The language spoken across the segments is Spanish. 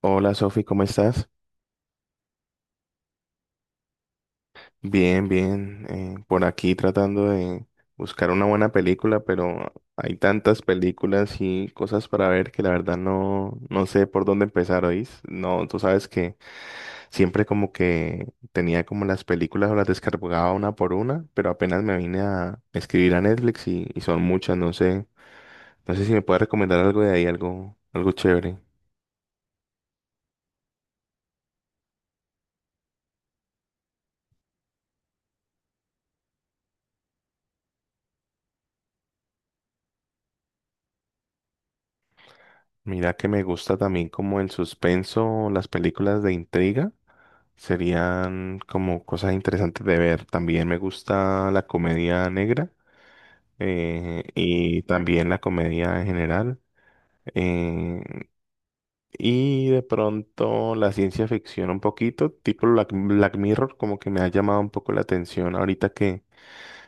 Hola Sofi, ¿cómo estás? Bien, bien. Por aquí tratando de buscar una buena película, pero hay tantas películas y cosas para ver que la verdad no, no sé por dónde empezar, ¿oís? No, tú sabes que siempre como que tenía como las películas o las descargaba una por una, pero apenas me vine a escribir a Netflix y son muchas, no sé. No sé si me puedes recomendar algo de ahí, algo, algo chévere. Mira que me gusta también como el suspenso, las películas de intriga. Serían como cosas interesantes de ver. También me gusta la comedia negra, y también la comedia en general. eh, y de pronto la ciencia ficción un poquito, tipo Black Mirror, como que me ha llamado un poco la atención ahorita que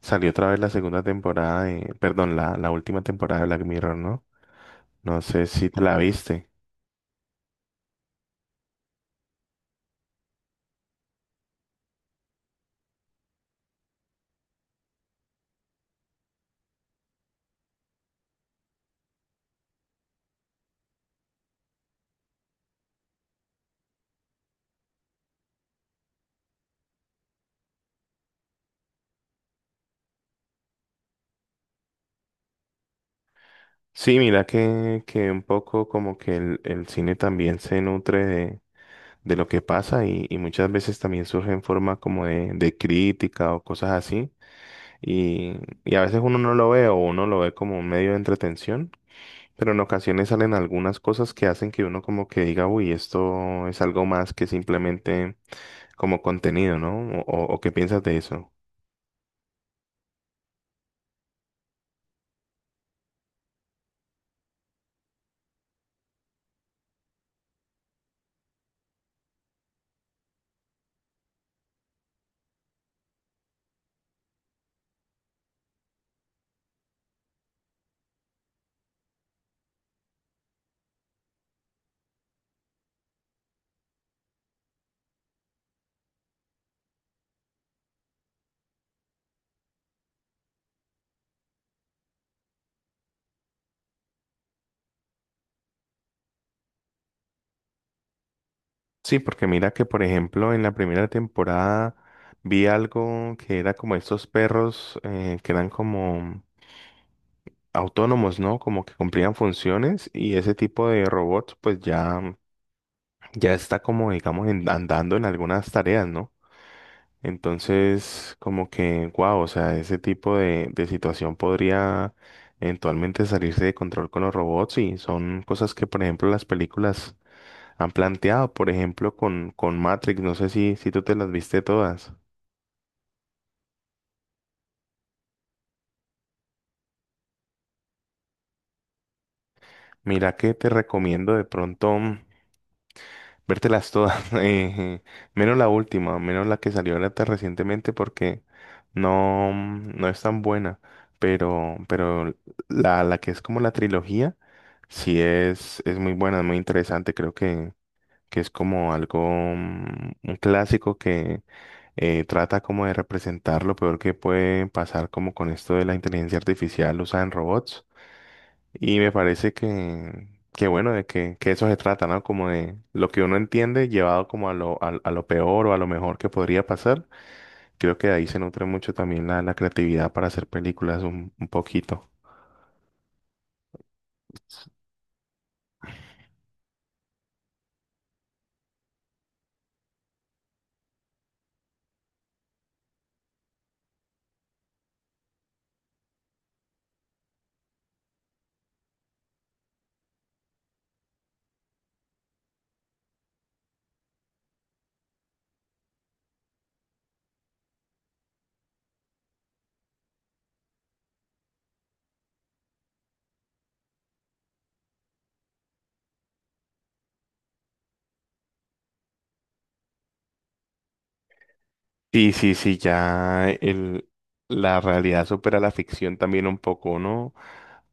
salió otra vez la segunda temporada, perdón, la última temporada de Black Mirror, ¿no? No sé si te la viste. Sí, mira que un poco como que el cine también se nutre de lo que pasa y muchas veces también surge en forma como de crítica o cosas así y, y a veces uno no lo ve o uno lo ve como un medio de entretención, pero en ocasiones salen algunas cosas que hacen que uno como que diga, uy, esto es algo más que simplemente como contenido, ¿no? O qué piensas de eso. Sí, porque mira que por ejemplo en la primera temporada vi algo que era como estos perros, que eran como autónomos, ¿no? Como que cumplían funciones y ese tipo de robots pues ya, ya está como digamos andando en algunas tareas, ¿no? Entonces como que, wow, o sea, ese tipo de situación podría eventualmente salirse de control con los robots y son cosas que por ejemplo las películas han planteado, por ejemplo con Matrix, no sé si tú te las viste todas. Mira que te recomiendo de pronto. Vértelas todas, menos la última, menos la que salió ahorita recientemente porque no, no es tan buena, pero la que es como la trilogía, sí es muy buena, es muy interesante, creo que es como algo, mm, un clásico que trata como de representar lo peor que puede pasar como con esto de la inteligencia artificial usada en robots. Y me parece que bueno, de que eso se trata, ¿no? Como de lo que uno entiende llevado como a lo peor o a lo mejor que podría pasar. Creo que de ahí se nutre mucho también la creatividad para hacer películas un poquito. Sí sí, sí, ya la realidad supera la ficción también un poco, ¿no?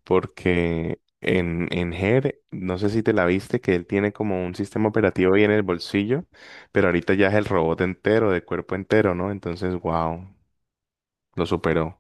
Porque en Her, no sé si te la viste, que él tiene como un sistema operativo ahí en el bolsillo, pero ahorita ya es el robot entero, de cuerpo entero, ¿no? Entonces, wow. Lo superó.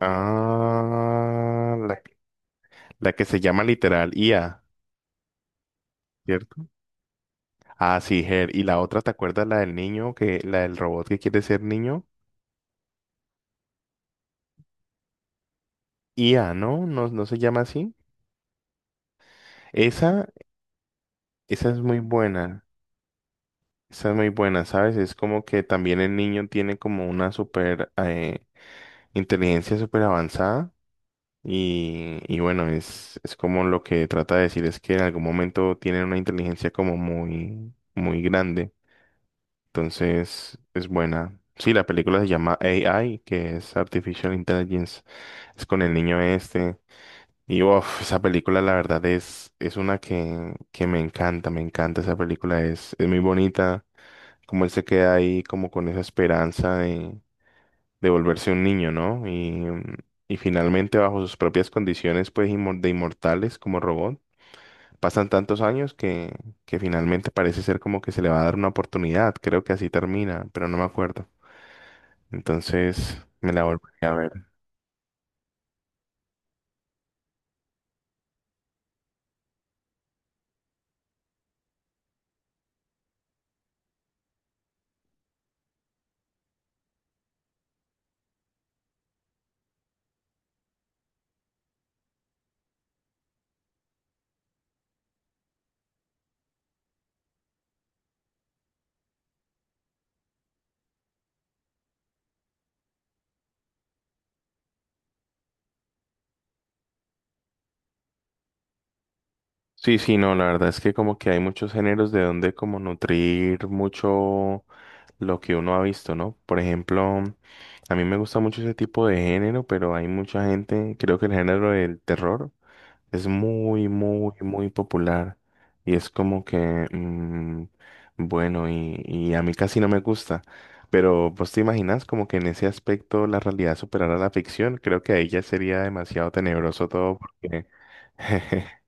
Ah, la que se llama literal IA, ¿cierto? Ah, sí, Her. Y la otra, ¿te acuerdas la del niño que, la del robot que quiere ser niño? IA, ¿no? No, no se llama así. Esa, esa es muy buena. Esa es muy buena, ¿sabes? Es como que también el niño tiene como una super inteligencia súper avanzada. Y bueno, es como lo que trata de decir es que en algún momento tienen una inteligencia como muy, muy grande. Entonces, es buena. Sí, la película se llama AI, que es Artificial Intelligence. Es con el niño este. Y uff, esa película la verdad es una que me encanta esa película. Es muy bonita. Como él se queda ahí como con esa esperanza de volverse un niño, ¿no? Y finalmente bajo sus propias condiciones pues de inmortales como robot. Pasan tantos años que finalmente parece ser como que se le va a dar una oportunidad. Creo que así termina, pero no me acuerdo. Entonces me la volvería a ver. Sí, sí, no, la verdad es que como que hay muchos géneros de donde como nutrir mucho lo que uno ha visto, ¿no? Por ejemplo, a mí me gusta mucho ese tipo de género, pero hay mucha gente, creo que el género del terror es muy, muy, muy popular y es como que, bueno, y a mí casi no me gusta, pero pues te imaginas como que en ese aspecto la realidad superara la ficción, creo que ahí ya sería demasiado tenebroso todo porque...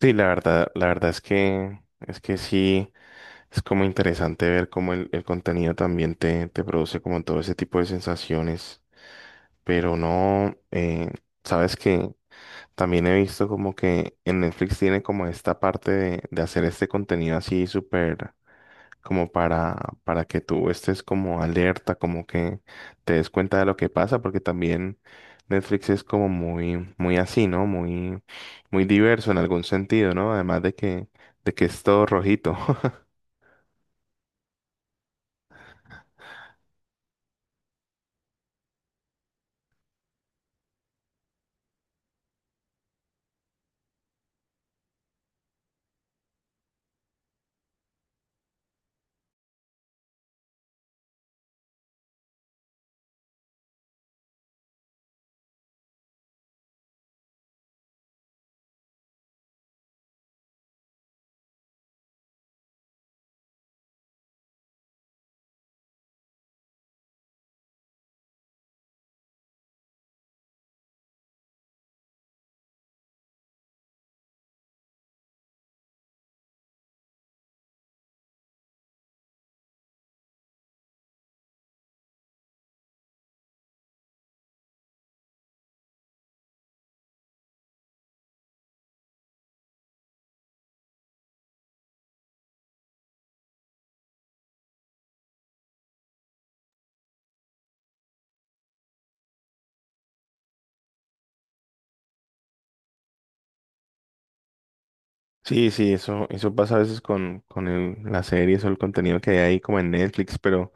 Sí, la verdad es que sí, es como interesante ver cómo el contenido también te produce como todo ese tipo de sensaciones. Pero no, sabes que también he visto como que en Netflix tiene como esta parte de hacer este contenido así súper como para que tú estés como alerta, como que te des cuenta de lo que pasa, porque también Netflix es como muy, muy así, ¿no? Muy, muy diverso en algún sentido, ¿no? Además de que es todo rojito. Sí, sí, eso pasa a veces con las series o el contenido que hay ahí como en Netflix, pero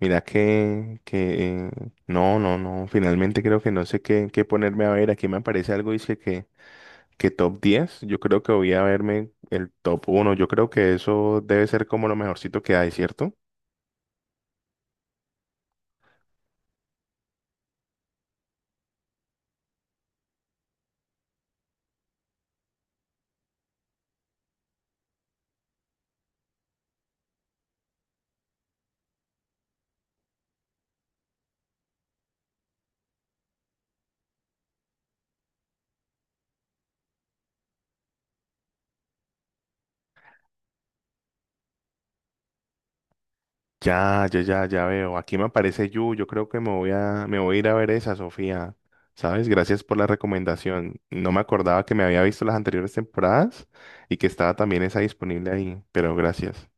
mira que no, no, no, finalmente creo que no sé qué ponerme a ver. Aquí me aparece algo, dice que top 10. Yo creo que voy a verme el top 1. Yo creo que eso debe ser como lo mejorcito que hay, ¿cierto? Ya, ya, ya, ya veo. Aquí me aparece Yu. Yo creo que me voy a ir a ver esa, Sofía. ¿Sabes? Gracias por la recomendación. No me acordaba que me había visto las anteriores temporadas y que estaba también esa disponible ahí, pero gracias.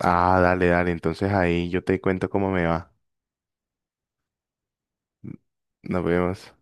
Ah, dale, dale. Entonces ahí yo te cuento cómo me va. Nos vemos.